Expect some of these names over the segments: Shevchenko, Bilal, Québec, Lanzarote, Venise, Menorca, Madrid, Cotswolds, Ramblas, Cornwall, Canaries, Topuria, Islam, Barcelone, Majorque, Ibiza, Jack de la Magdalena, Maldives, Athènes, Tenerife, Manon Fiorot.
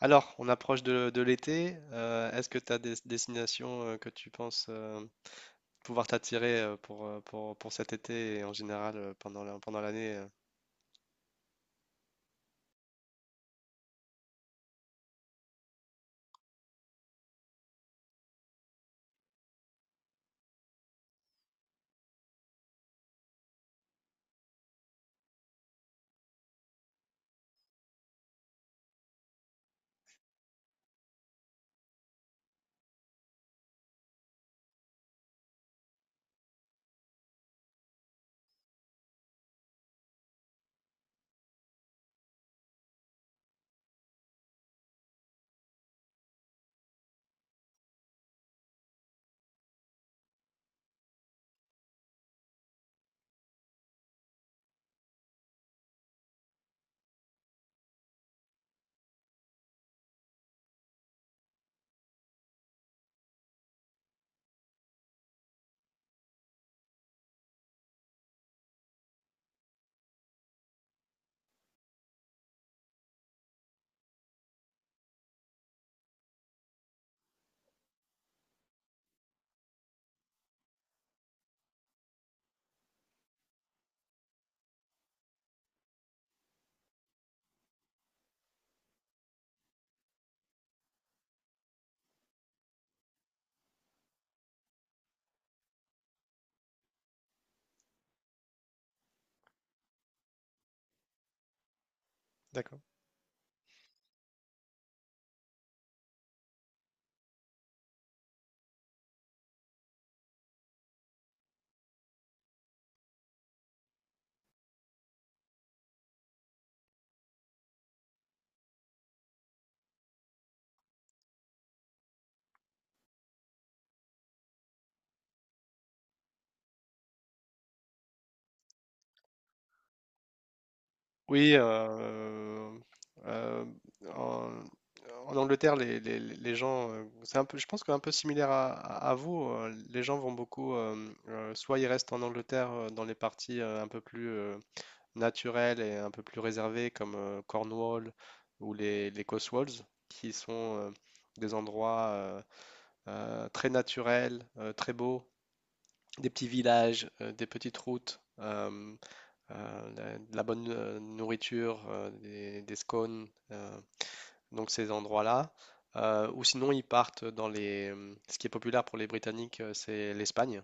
Alors, on approche de l'été. Est-ce que tu as des destinations que tu penses pouvoir t'attirer pour cet été et en général pendant pendant l'année D'accord. Oui, euh, en, en Angleterre, les gens, c'est un peu, je pense qu'un peu similaire à vous, les gens vont beaucoup, soit ils restent en Angleterre dans les parties un peu plus naturels et un peu plus réservés comme Cornwall ou les Cotswolds, qui sont des endroits très naturels, très beaux, des petits villages, des petites routes, de la bonne nourriture, des scones, donc ces endroits-là. Ou sinon, ils partent dans les. Ce qui est populaire pour les Britanniques, c'est l'Espagne.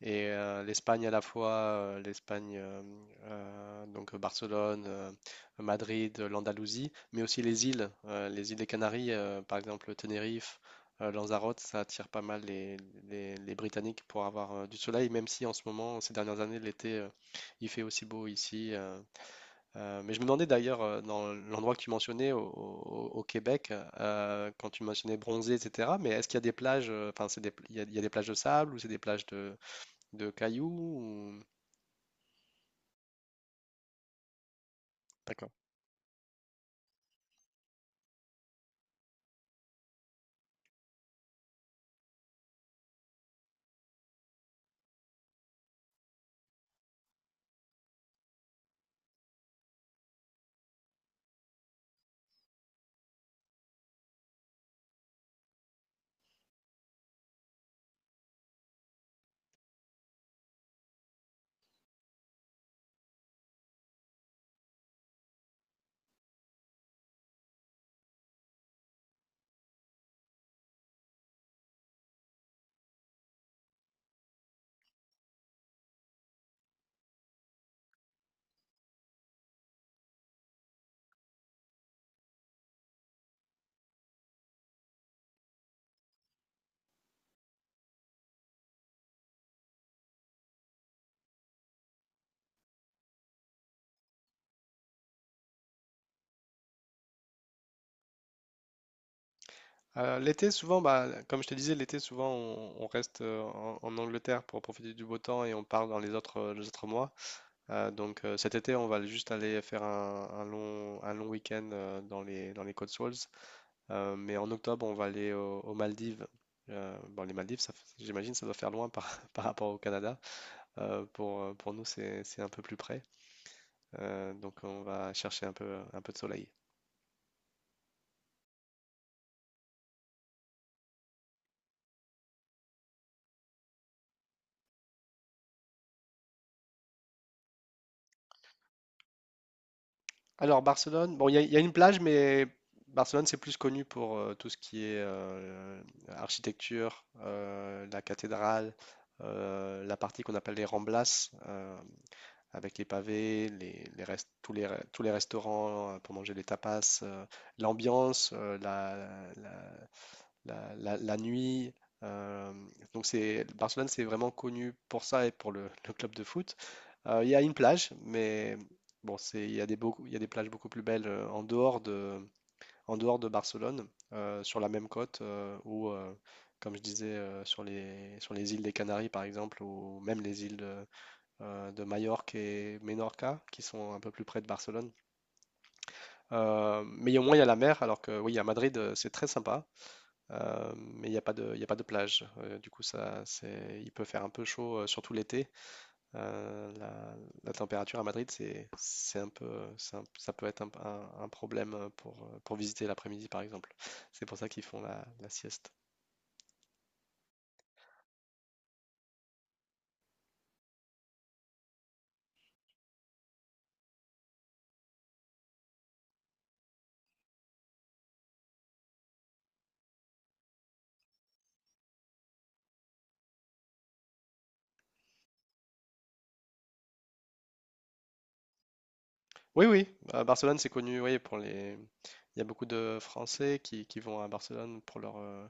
Et l'Espagne à la fois, l'Espagne, donc Barcelone, Madrid, l'Andalousie, mais aussi les îles des Canaries, par exemple Tenerife, Lanzarote, ça attire pas mal les Britanniques pour avoir du soleil, même si en ce moment, ces dernières années, l'été, il fait aussi beau ici. Mais je me demandais d'ailleurs, dans l'endroit que tu mentionnais, au Québec, quand tu mentionnais bronzé, etc., mais est-ce qu'il y a des plages, enfin, il y a des plages de sable ou c'est des plages de cailloux D'accord. L'été, souvent, bah, comme je te disais, l'été, souvent, on reste en Angleterre pour profiter du beau temps et on part dans les autres mois. Donc, cet été, on va juste aller faire un long week-end dans les Cotswolds. Mais en octobre, on va aller aux Maldives. Bon, les Maldives, j'imagine, ça doit faire loin par rapport au Canada. Pour nous, c'est un peu plus près. Donc, on va chercher un peu de soleil. Alors Barcelone, bon, il y a une plage, mais Barcelone, c'est plus connu pour tout ce qui est architecture, la cathédrale, la partie qu'on appelle les Ramblas, avec les pavés, tous les restaurants pour manger les tapas, l'ambiance, la nuit. euh, donc c'est Barcelone, c'est vraiment connu pour ça et pour le club de foot. Il y a une plage, mais bon, c'est il y a des beaucoup, il y a des plages beaucoup plus belles en dehors de Barcelone, sur la même côte ou comme je disais sur les îles des Canaries par exemple ou même les îles de Majorque et Menorca qui sont un peu plus près de Barcelone. Mais au moins il y a la mer, alors que oui, à Madrid c'est très sympa. Mais il n'y a pas il y a pas de plage. Du coup, il peut faire un peu chaud, surtout l'été. Euh, la, la température à Madrid, c'est un peu, ça peut être un problème pour visiter l'après-midi, par exemple. C'est pour ça qu'ils font la sieste. Oui, oui, à Barcelone, c'est connu, oui, pour les. Il y a beaucoup de Français qui vont à Barcelone pour leur,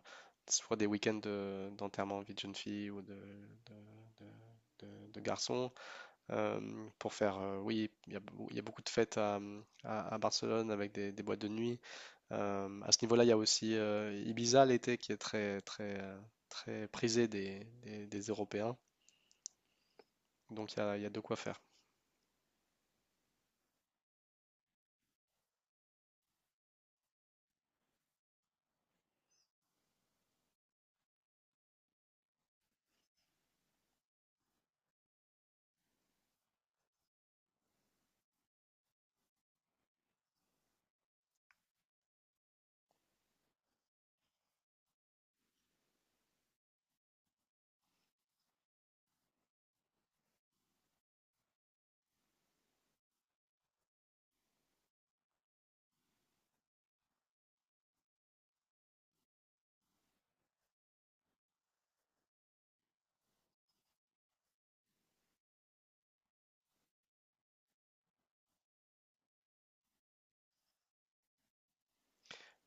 soit des week-ends d'enterrement de vie de jeune fille ou de garçons. euh, pour faire, oui, il y a beaucoup de fêtes à Barcelone avec des boîtes de nuit. À ce niveau-là, il y a aussi Ibiza l'été qui est très, très, très prisé des Européens. Donc il y a de quoi faire.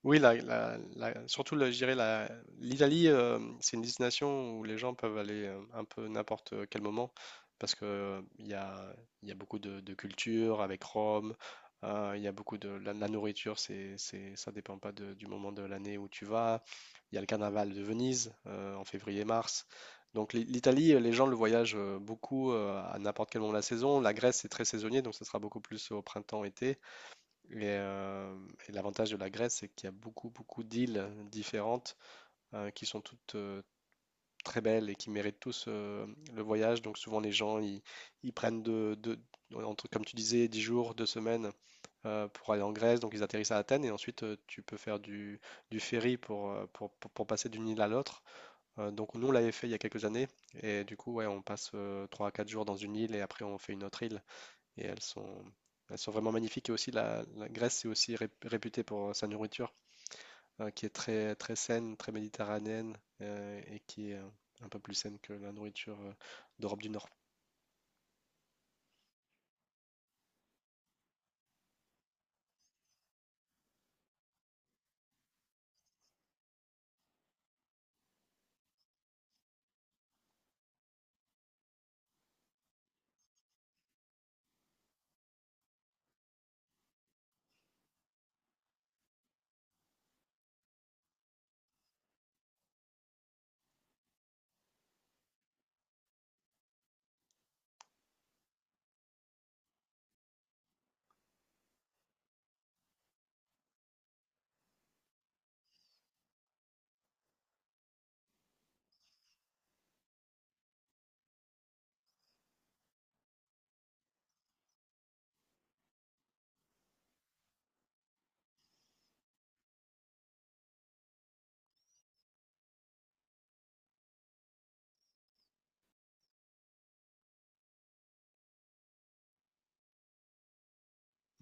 Oui, surtout, je dirais, l'Italie, c'est une destination où les gens peuvent aller un peu n'importe quel moment parce que il y a beaucoup de culture avec Rome, il y a beaucoup de. La nourriture, ça dépend pas du moment de l'année où tu vas. Il y a le carnaval de Venise en février-mars. Donc l'Italie, les gens le voyagent beaucoup à n'importe quel moment de la saison. La Grèce, c'est très saisonnier, donc ce sera beaucoup plus au printemps-été. Et, euh, et l'avantage de la Grèce, c'est qu'il y a beaucoup, beaucoup d'îles différentes qui sont toutes très belles et qui méritent tous le voyage. Donc souvent, les gens, ils prennent entre, comme tu disais, 10 jours, 2 semaines pour aller en Grèce. Donc ils atterrissent à Athènes et ensuite, tu peux faire du ferry pour passer d'une île à l'autre. Donc nous, on l'avait fait il y a quelques années. Et du coup, ouais, on passe 3 à 4 jours dans une île et après, on fait une autre île et elles sont vraiment magnifiques. Et aussi, la Grèce est aussi réputée pour sa nourriture, qui est très, très saine, très méditerranéenne, et qui est un peu plus saine que la nourriture d'Europe du Nord.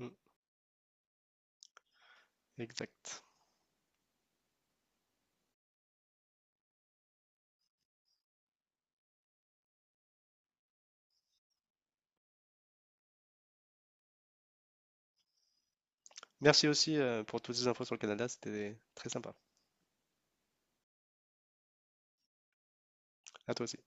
Mm, exact. Merci aussi pour toutes ces infos sur le Canada, c'était très sympa. À toi aussi.